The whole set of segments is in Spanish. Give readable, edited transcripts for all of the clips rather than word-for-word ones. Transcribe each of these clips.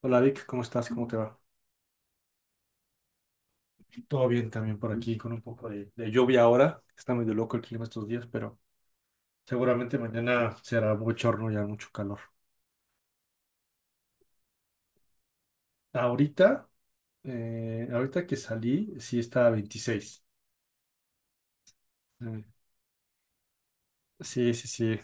Hola Vic, ¿cómo estás? ¿Cómo te va? Todo bien también por aquí, con un poco de lluvia ahora. Está medio loco el clima estos días, pero seguramente mañana será bochorno y hará mucho calor. Ahorita, ahorita que salí, sí está a 26. Eh, sí, sí, sí.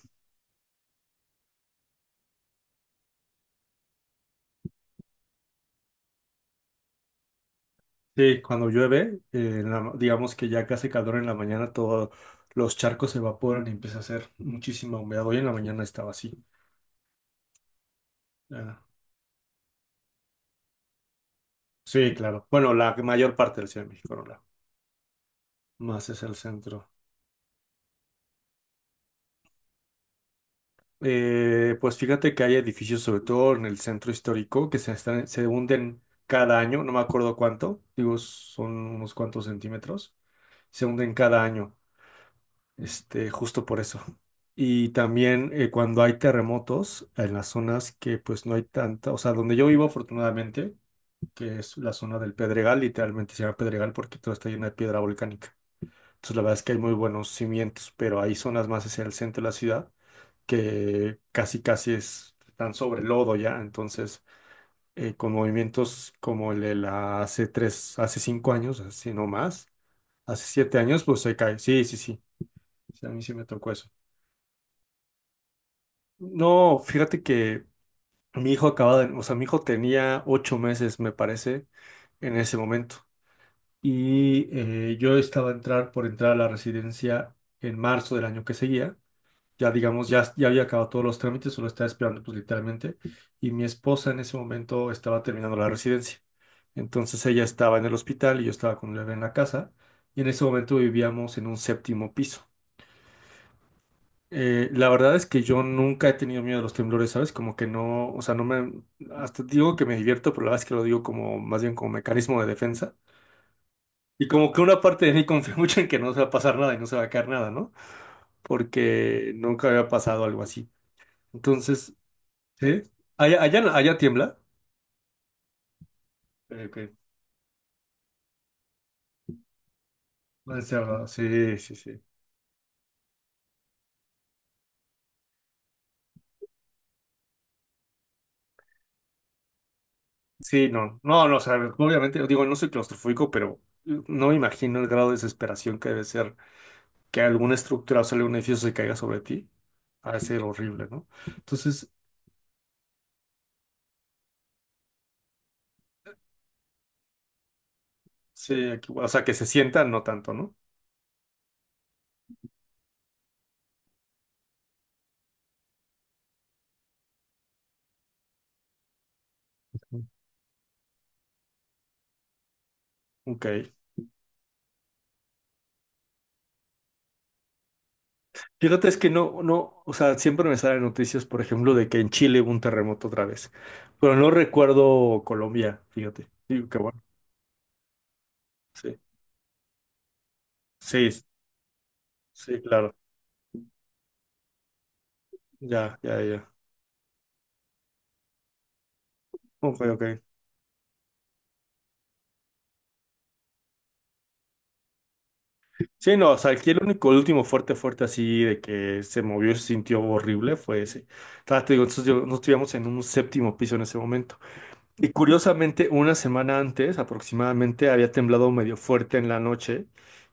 Sí, cuando llueve, digamos que ya que hace calor en la mañana, todos los charcos se evaporan y empieza a hacer muchísima humedad. Hoy en la mañana estaba así. Ah, sí, claro. Bueno, la mayor parte del Ciudad de México, no la- Más es el centro. Pues fíjate que hay edificios, sobre todo en el centro histórico, que se hunden cada año, no me acuerdo cuánto, digo, son unos cuantos centímetros, se hunden cada año, este, justo por eso. Y también cuando hay terremotos en las zonas que pues no hay tanta, o sea, donde yo vivo afortunadamente, que es la zona del Pedregal, literalmente se llama Pedregal porque todo está lleno de piedra volcánica. Entonces la verdad es que hay muy buenos cimientos, pero hay zonas más hacia el centro de la ciudad que casi casi están sobre el lodo ya, entonces con movimientos como el de la hace tres, hace cinco años, así no más, hace siete años, pues se cae, sí, sí, sí. Sí, a mí sí me tocó eso. No, fíjate que mi hijo acababa de, o sea, mi hijo tenía 8 meses, me parece, en ese momento. Y yo estaba a entrar por entrar a la residencia en marzo del año que seguía. Ya digamos, ya había acabado todos los trámites, solo estaba esperando pues literalmente, y mi esposa en ese momento estaba terminando la residencia. Entonces ella estaba en el hospital y yo estaba con el bebé en la casa, y en ese momento vivíamos en un 7.º piso. La verdad es que yo nunca he tenido miedo a los temblores, ¿sabes? Como que no, o sea, no me, hasta digo que me divierto, pero la verdad es que lo digo como, más bien como mecanismo de defensa. Y como que una parte de mí confía mucho en que no se va a pasar nada y no se va a caer nada, ¿no? Porque nunca había pasado algo así. Entonces, ¿sí? Allá, allá, allá tiembla. Ok, ok. Demasiado, sí, sí, sí. Sí, no, no, no, o sea, obviamente, digo, no soy claustrofóbico, pero no me imagino el grado de desesperación que debe ser que alguna estructura o sea, algún edificio se caiga sobre ti. Ha de ser horrible, ¿no? Entonces, sí, aquí, o sea, que se sientan, no tanto, ¿no? Ok. Fíjate, es que no, no, o sea, siempre me salen noticias, por ejemplo, de que en Chile hubo un terremoto otra vez, pero no recuerdo Colombia, fíjate. Digo, qué bueno, sí, sí, sí, claro. Ya, ya, ya. Ok, ok. Sí, no, o sea, aquí el único, el último fuerte, fuerte así de que se movió y se sintió horrible fue ese. Claro, te digo, nosotros vivíamos en un séptimo piso en ese momento. Y curiosamente, una semana antes aproximadamente había temblado medio fuerte en la noche,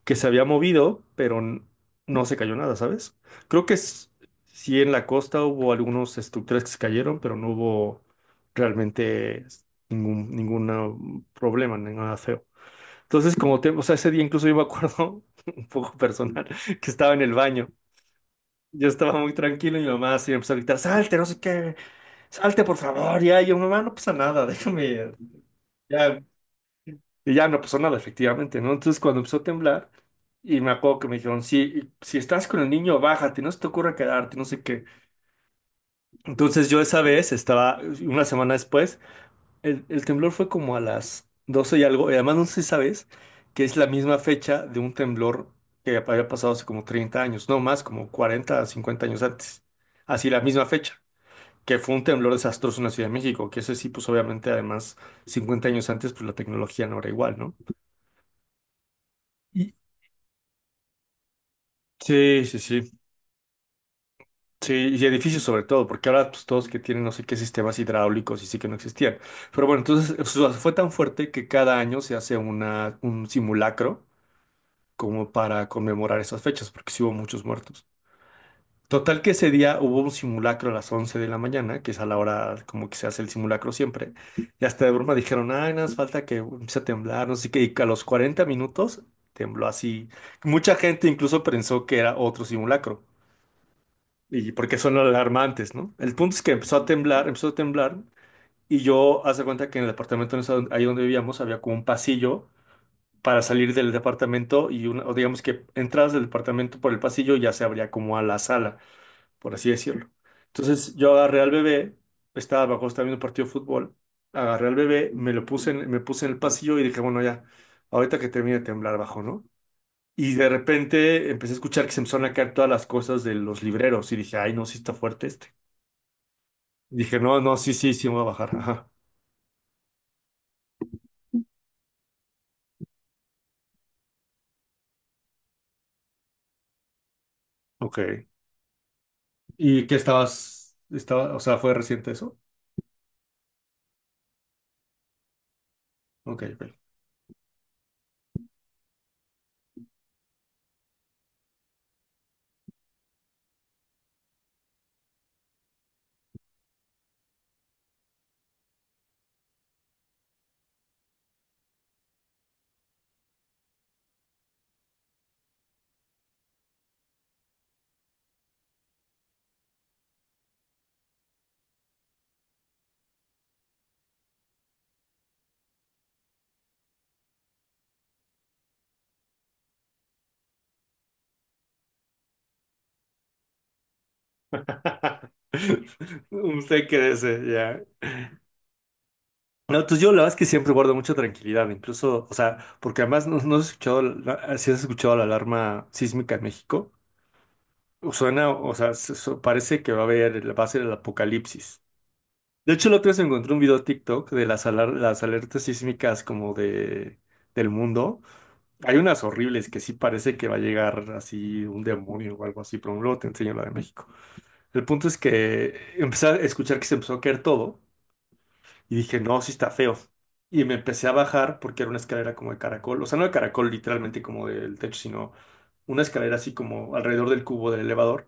que se había movido, pero no se cayó nada, ¿sabes? Creo que s- sí en la costa hubo algunas estructuras que se cayeron, pero no hubo realmente ningún no, problema, nada feo. Entonces, como te, o sea, ese día incluso yo me acuerdo, un poco personal, que estaba en el baño. Yo estaba muy tranquilo y mi mamá así me empezó a gritar, salte, no sé qué, salte por favor, ya. Y yo, mamá, no pasa nada, déjame, ya. Y ya no pasó nada, efectivamente, ¿no? Entonces, cuando empezó a temblar, y me acuerdo que me dijeron, si estás con el niño, bájate, no se te ocurra quedarte, no sé qué. Entonces, yo esa vez estaba, una semana después, el temblor fue como a las 12 y algo, y además no sé si sabes que es la misma fecha de un temblor que había pasado hace como 30 años, no más, como 40 a 50 años antes. Así la misma fecha, que fue un temblor desastroso en la Ciudad de México, que ese sí, pues obviamente además 50 años antes, pues la tecnología no era igual, ¿no? Y- Sí, sí, sí. Sí, y edificios sobre todo, porque ahora pues todos que tienen no sé qué sistemas hidráulicos y sí que no existían. Pero bueno, entonces o sea, fue tan fuerte que cada año se hace una, un simulacro como para conmemorar esas fechas, porque sí hubo muchos muertos. Total que ese día hubo un simulacro a las 11 de la mañana, que es a la hora como que se hace el simulacro siempre, y hasta de broma dijeron, ay, nada más falta que empiece a temblar, no sé qué, y a los 40 minutos tembló así. Mucha gente incluso pensó que era otro simulacro, y porque son alarmantes, ¿no? El punto es que empezó a temblar, y yo, hace cuenta que en el apartamento ahí donde vivíamos había como un pasillo para salir del departamento y una, o digamos que entradas del departamento por el pasillo ya se abría como a la sala, por así decirlo. Entonces yo agarré al bebé, estaba abajo, estaba viendo un partido de fútbol, agarré al bebé, me puse en el pasillo y dije, bueno, ya, ahorita que termine de temblar bajo, ¿no? Y de repente empecé a escuchar que se empezaron a caer todas las cosas de los libreros y dije, ay, no, sí está fuerte este. Dije, no, no, sí, sí, sí me voy a bajar. Ajá. Ok. ¿Y qué estabas, estaba, o sea, fue reciente eso? Ok, ok. Usted crece ya. No, entonces yo la verdad es que siempre guardo mucha tranquilidad, incluso, o sea, porque además no, no has escuchado, si has escuchado la alarma sísmica en México, suena, o sea, parece que va a haber, va a ser el apocalipsis. De hecho, la otra vez encontré un video TikTok de las alertas sísmicas como de, del mundo. Hay unas horribles que sí parece que va a llegar así un demonio o algo así, pero luego te enseño la de México. El punto es que empecé a escuchar que se empezó a caer todo. Y dije, no, sí está feo. Y me empecé a bajar porque era una escalera como de caracol, o sea, no de caracol literalmente como del techo, sino una escalera así como alrededor del cubo del elevador,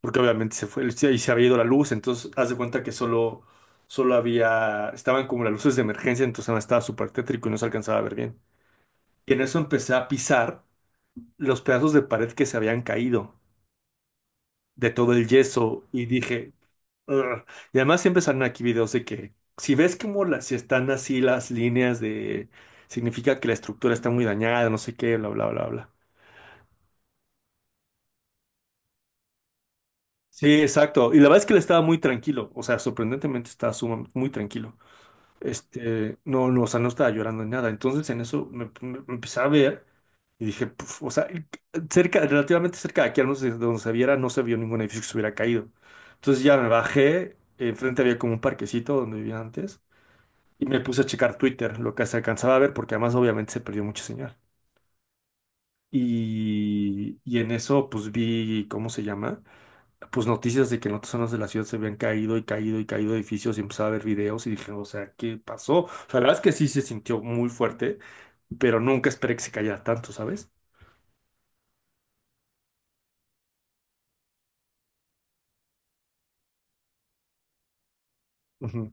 porque obviamente se fue, y se había ido la luz, entonces haz de cuenta que solo había, estaban como las luces de emergencia, entonces nada, estaba súper tétrico y no se alcanzaba a ver bien. Y en eso empecé a pisar los pedazos de pared que se habían caído de todo el yeso y dije, ugh. Y además siempre salen aquí videos de que si ves como las, si están así las líneas de significa que la estructura está muy dañada, no sé qué, bla, bla, bla, bla. Sí, exacto. Y la verdad es que él estaba muy tranquilo, o sea, sorprendentemente estaba muy tranquilo. Este, no, no, o sea, no estaba llorando ni nada. Entonces en eso me empecé a ver y dije, "Puf", o sea, cerca, relativamente cerca de aquí, al menos de donde se viera, no se vio ningún edificio que se hubiera caído. Entonces ya me bajé, enfrente había como un parquecito donde vivía antes. Y me puse a checar Twitter, lo que se alcanzaba a ver, porque además obviamente se perdió mucha señal. Y en eso pues vi, ¿cómo se llama? Pues noticias de que en otras zonas de la ciudad se habían caído y caído y caído edificios y empezaba a ver videos y dije, o sea, ¿qué pasó? O sea, la verdad es que sí se sintió muy fuerte, pero nunca esperé que se cayera tanto, ¿sabes? Ujú.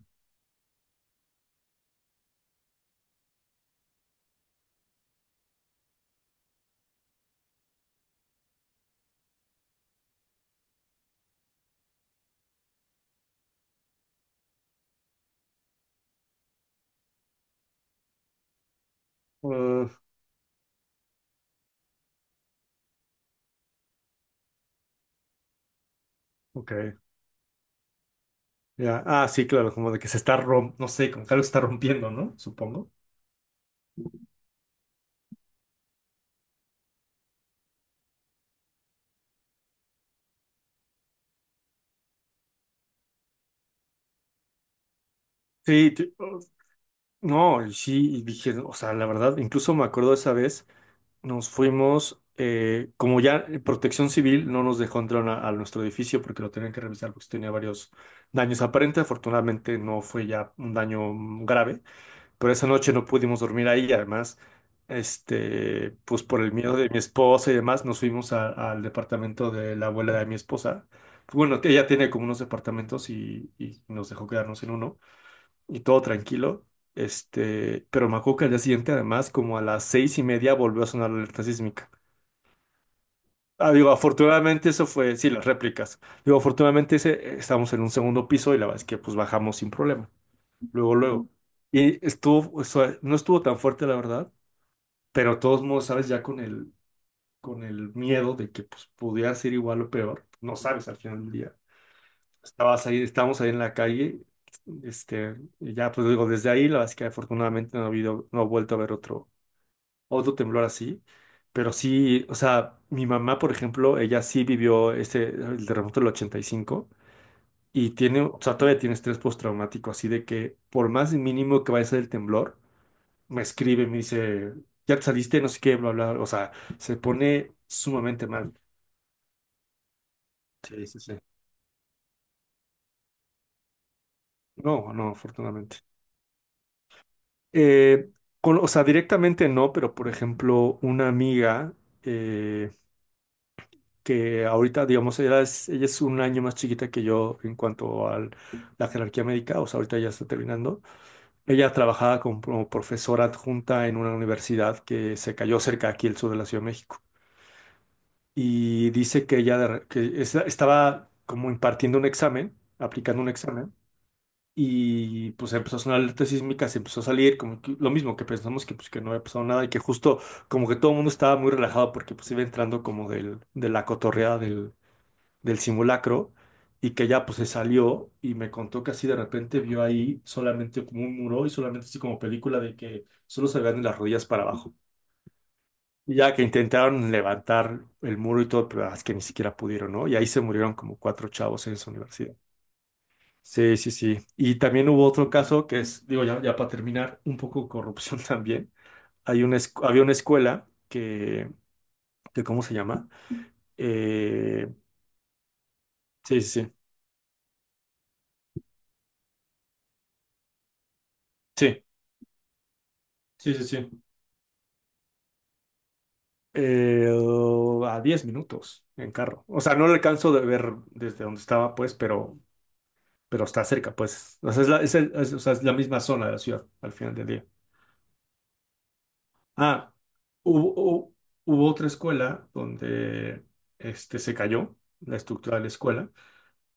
Ah, ok, ya. Ah, sí, claro, como de que se está rompiendo, no sé, como que algo se está rompiendo, ¿no? Supongo. Sí, te- uh, no, y sí, y dije, o sea, la verdad, incluso me acuerdo esa vez nos fuimos, como ya Protección Civil no nos dejó entrar a nuestro edificio porque lo tenían que revisar porque tenía varios daños aparentes. Afortunadamente no fue ya un daño grave, pero esa noche no pudimos dormir ahí. Y además, este, pues por el miedo de mi esposa y demás, nos fuimos al departamento de la abuela de mi esposa. Bueno, que ella tiene como unos departamentos y nos dejó quedarnos en uno y todo tranquilo. Este, pero me acuerdo que al día siguiente, además, como a las 6:30, volvió a sonar la alerta sísmica. Ah, digo, afortunadamente eso fue, sí, las réplicas. Digo, afortunadamente estábamos en un segundo piso y la verdad es que pues bajamos sin problema. Luego, luego. Y estuvo, o sea, no estuvo tan fuerte, la verdad, pero de todos modos, sabes, ya con con el miedo de que pues pudiera ser igual o peor, no sabes al final del día. Estabas ahí, estábamos ahí en la calle, y ya pues digo, desde ahí, la verdad es que afortunadamente no ha habido, no ha vuelto a haber otro temblor así, pero sí, o sea, mi mamá, por ejemplo, ella sí vivió este, el terremoto del 85 y cinco y tiene, o sea, todavía tiene estrés postraumático, así de que por más mínimo que vaya a ser el temblor, me escribe, me dice, ya te saliste, no sé qué, bla, bla, o sea, se pone sumamente mal. Sí, sí, sí. No, no, afortunadamente. Eh, o sea, directamente no, pero por ejemplo, una amiga eh, que ahorita, digamos, ella es un año más chiquita que yo en cuanto a la jerarquía médica, o sea, ahorita ya está terminando. Ella trabajaba como, como profesora adjunta en una universidad que se cayó cerca aquí al sur de la Ciudad de México. Y dice que ella de re- que es- estaba como impartiendo un examen, aplicando un examen. Y pues empezó a sonar alerta sísmica, se empezó a salir, como que lo mismo que pensamos que pues que no había pasado nada y que justo como que todo el mundo estaba muy relajado porque pues iba entrando como de la cotorreada del simulacro y que ya pues se salió y me contó que así de repente vio ahí solamente como un muro y solamente así como película de que solo se veían de las rodillas para abajo. Y ya que intentaron levantar el muro y todo, pero ah, es que ni siquiera pudieron, ¿no? Y ahí se murieron como cuatro chavos en esa universidad. Sí, sí, sí. Y también hubo otro caso que es, digo, ya, ya para terminar, un poco corrupción también. Había una escuela que, ¿cómo se llama? Eh, sí, sí, sí. Sí, sí, sí, sí. Oh, a 10 minutos en carro. O sea, no lo alcanzo de ver desde donde estaba, pues, pero está cerca, pues. O sea, es la, es el- es- o sea, es la misma zona de la ciudad al final del día. Ah, hubo, hubo hubo otra escuela donde este, se cayó la estructura de la escuela.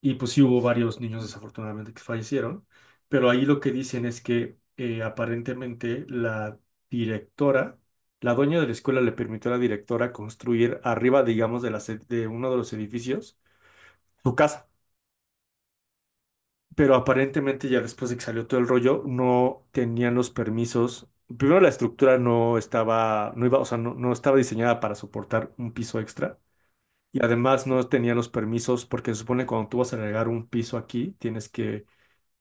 Y pues sí hubo varios niños desafortunadamente que fallecieron, pero ahí lo que dicen es que aparentemente la directora, la dueña de la escuela le permitió a la directora construir arriba, digamos, de, de uno de los edificios su casa. Pero aparentemente ya después de que salió todo el rollo, no tenían los permisos. Primero la estructura no iba, o sea, no estaba diseñada para soportar un piso extra. Y además no tenían los permisos porque se supone que cuando tú vas a agregar un piso aquí, tienes que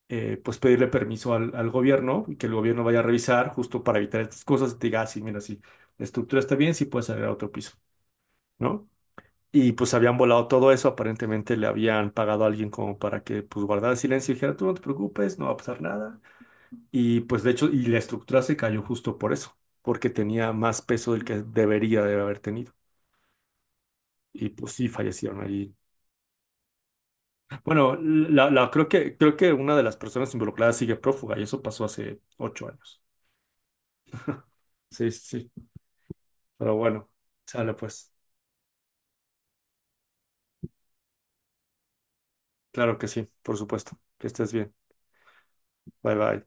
pues pedirle permiso al gobierno y que el gobierno vaya a revisar justo para evitar estas cosas y te diga, ah, sí, mira, sí, la estructura está bien, sí puedes salir a otro piso, ¿no? Y pues habían volado todo eso, aparentemente le habían pagado a alguien como para que pues guardara silencio y dijera, tú no te preocupes, no va a pasar nada. Y pues de hecho, y la estructura se cayó justo por eso, porque tenía más peso del que debería de haber tenido. Y pues sí, fallecieron allí. Bueno, creo que una de las personas involucradas sigue prófuga y eso pasó hace 8 años. Sí, sí, sí. Pero bueno, sale pues. Claro que sí, por supuesto. Que estés bien. Bye bye.